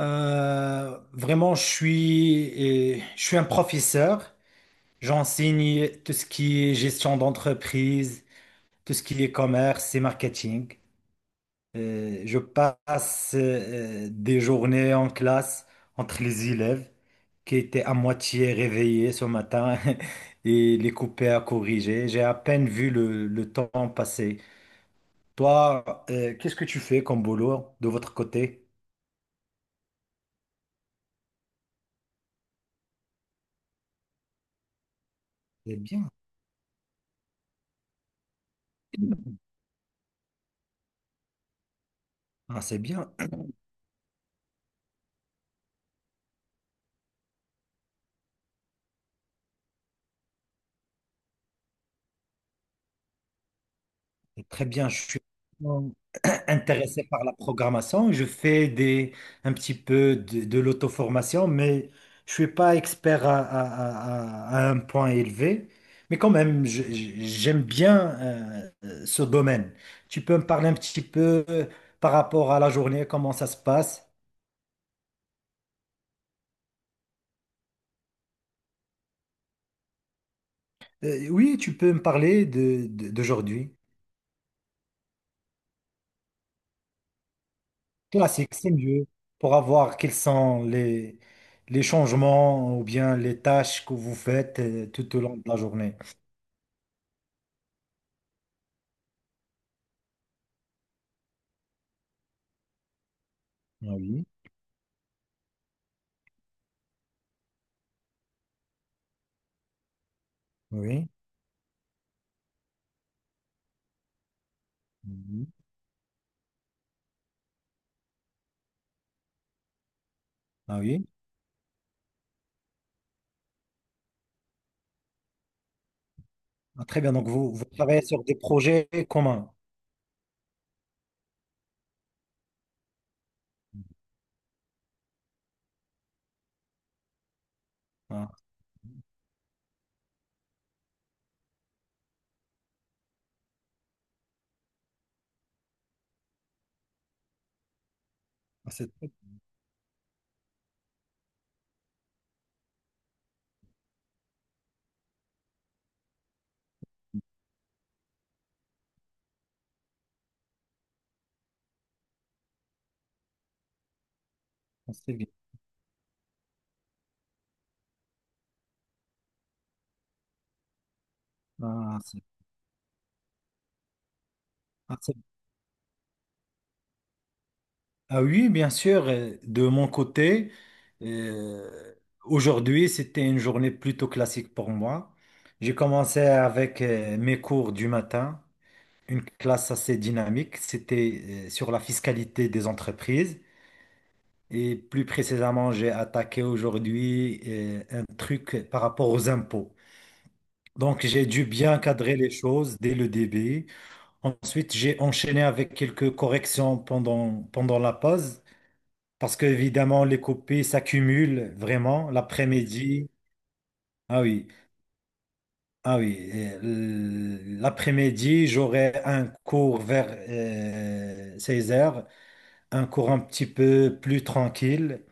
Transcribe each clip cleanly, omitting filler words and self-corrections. Vraiment, je suis un professeur. J'enseigne tout ce qui est gestion d'entreprise, tout ce qui est commerce et marketing. Je passe des journées en classe entre les élèves qui étaient à moitié réveillés ce matin et les couper à corriger. J'ai à peine vu le temps passer. Toi, qu'est-ce que tu fais comme boulot de votre côté? C'est bien. Ah, c'est bien. Très bien, je suis intéressé par la programmation. Un petit peu de l'auto-formation, mais je suis pas expert à un point élevé. Mais quand même, j'aime bien ce domaine. Tu peux me parler un petit peu par rapport à la journée, comment ça se passe? Oui, tu peux me parler d'aujourd'hui. Classique, c'est mieux pour avoir quels sont les changements ou bien les tâches que vous faites tout au long de la journée. Ah oui, oui, mhm. Ah oui. Ah, très bien, donc vous travaillez sur des projets communs. Ah, ah, c'est très- ah, c'est bien. Ah, c'est- ah, c'est- ah oui, bien sûr, de mon côté, euh, aujourd'hui, c'était une journée plutôt classique pour moi. J'ai commencé avec mes cours du matin. Une classe assez dynamique. C'était sur la fiscalité des entreprises. Et plus précisément, j'ai attaqué aujourd'hui un truc par rapport aux impôts. Donc, j'ai dû bien cadrer les choses dès le début. Ensuite, j'ai enchaîné avec quelques corrections pendant la pause, parce que évidemment, les copies s'accumulent vraiment l'après-midi. Ah oui, ah oui. L'après-midi, j'aurai un cours vers 16 heures, un cours un petit peu plus tranquille.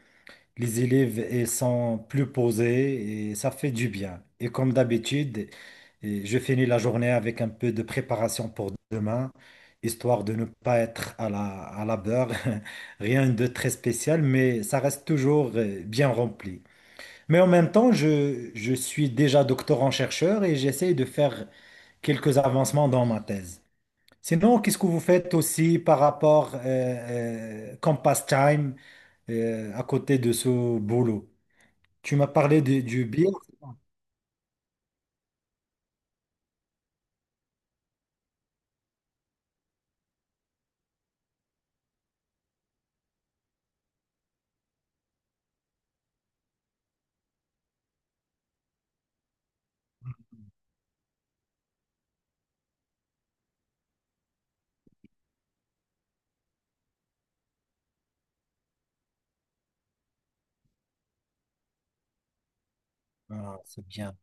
Les élèves ils sont plus posés et ça fait du bien. Et comme d'habitude, et je finis la journée avec un peu de préparation pour demain, histoire de ne pas être à la beurre. Rien de très spécial, mais ça reste toujours bien rempli. Mais en même temps, je suis déjà doctorant-chercheur et j'essaye de faire quelques avancements dans ma thèse. Sinon, qu'est-ce que vous faites aussi par rapport comme pastime? À côté de ce boulot. Tu m'as parlé de- du bien. Ah, c'est bien.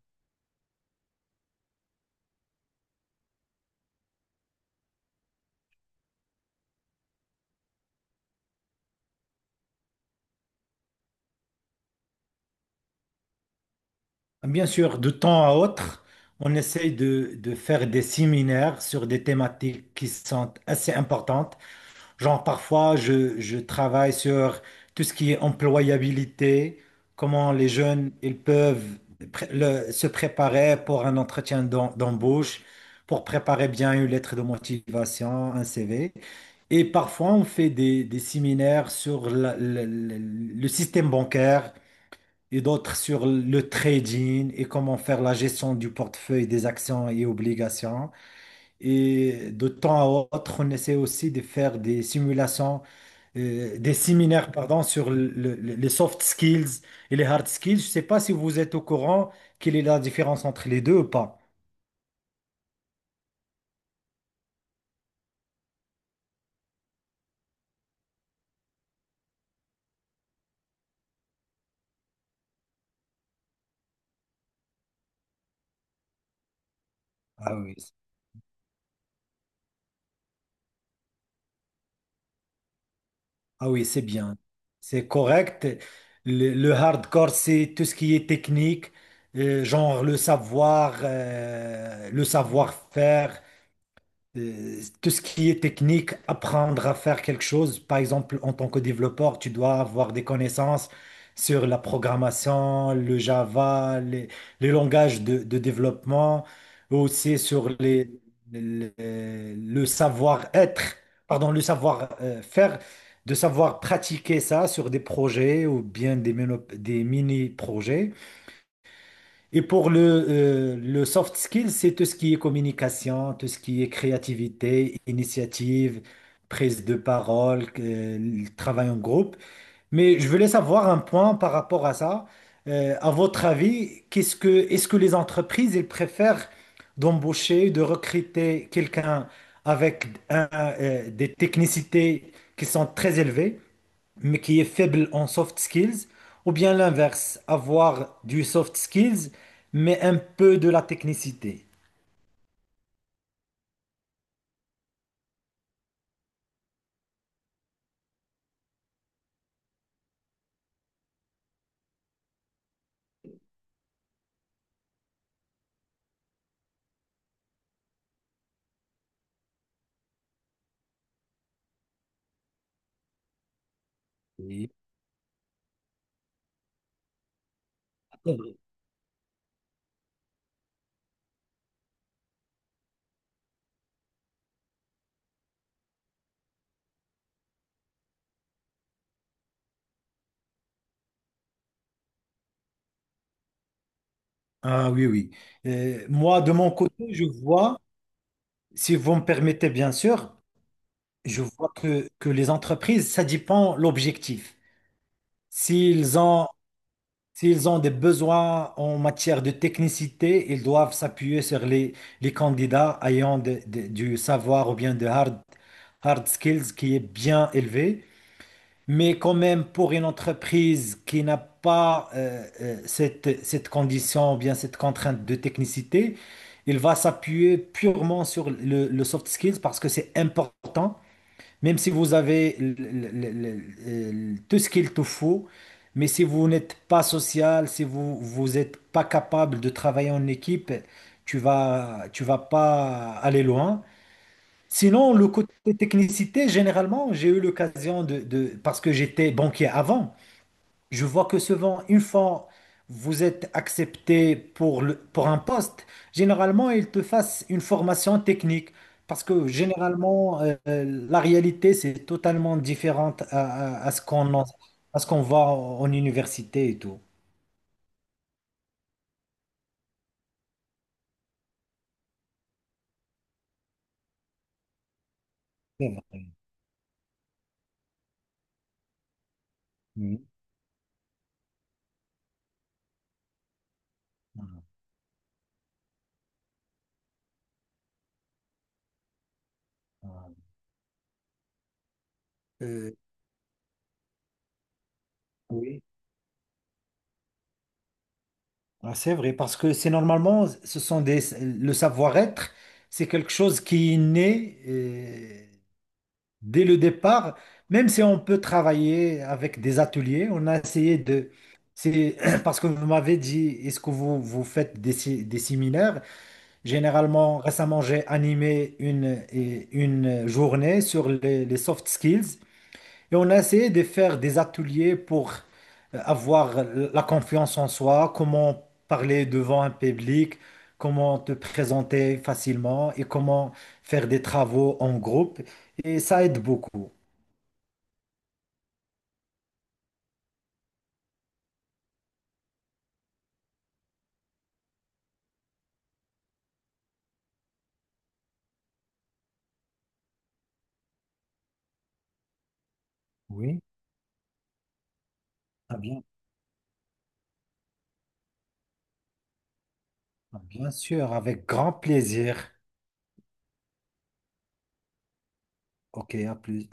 Bien sûr, de temps à autre, on essaye de faire des séminaires sur des thématiques qui sont assez importantes. Genre, parfois, je travaille sur tout ce qui est employabilité, comment les jeunes ils peuvent se préparer pour un entretien d'embauche, pour préparer bien une lettre de motivation, un CV. Et parfois, on fait des séminaires sur le système bancaire et d'autres sur le trading et comment faire la gestion du portefeuille des actions et obligations. Et de temps à autre, on essaie aussi de faire des simulations des séminaires, pardon, sur les soft skills et les hard skills. Je ne sais pas si vous êtes au courant quelle est la différence entre les deux ou pas. Ah oui. c- Ah oui, c'est bien. C'est correct. Le hardcore, c'est tout ce qui est technique, genre le savoir, le savoir-faire. Tout ce qui est technique, apprendre à faire quelque chose. Par exemple, en tant que développeur, tu dois avoir des connaissances sur la programmation, le Java, les langages de développement, aussi sur le savoir-être, pardon, le savoir-faire, de savoir pratiquer ça sur des projets ou bien des mini-projets. Et pour le soft skill, c'est tout ce qui est communication, tout ce qui est créativité, initiative, prise de parole, le travail en groupe. Mais je voulais savoir un point par rapport à ça. À votre avis, est-ce que les entreprises, elles préfèrent d'embaucher, de recruter quelqu'un avec des technicités qui sont très élevées, mais qui est faible en soft skills, ou bien l'inverse, avoir du soft skills, mais un peu de la technicité? Oui. Ah oui, oui. Moi, de mon côté, je vois, si vous me permettez, bien sûr. Je vois que les entreprises, ça dépend l'objectif. S'ils ont, s'ils ont des besoins en matière de technicité, ils doivent s'appuyer sur les candidats ayant du savoir ou bien de hard skills qui est bien élevé. Mais quand même, pour une entreprise qui n'a pas cette condition ou bien cette contrainte de technicité, il va s'appuyer purement sur le soft skills parce que c'est important même si vous avez tout ce qu'il te faut, mais si vous n'êtes pas social, si vous n'êtes pas capable de travailler en équipe, tu vas pas aller loin. Sinon, le côté technicité, généralement, j'ai eu l'occasion parce que j'étais banquier avant. Je vois que souvent, une fois vous êtes accepté pour pour un poste, généralement, ils te fassent une formation technique. Parce que généralement, la réalité, c'est totalement différente à ce qu'on voit en université et tout. C'est vrai. Mhm. Euh, oui. Ah, c'est vrai, parce que c'est normalement, ce sont le savoir-être, c'est quelque chose qui est né. Dès le départ, même si on peut travailler avec des ateliers, on a essayé de... C'est parce que vous m'avez dit, est-ce que vous faites des séminaires? Généralement, récemment, j'ai animé une journée sur les soft skills et on a essayé de faire des ateliers pour avoir la confiance en soi, comment parler devant un public, comment te présenter facilement et comment faire des travaux en groupe. Et ça aide beaucoup. Oui, ah bien, ah bien sûr, avec grand plaisir. Ok, à plus.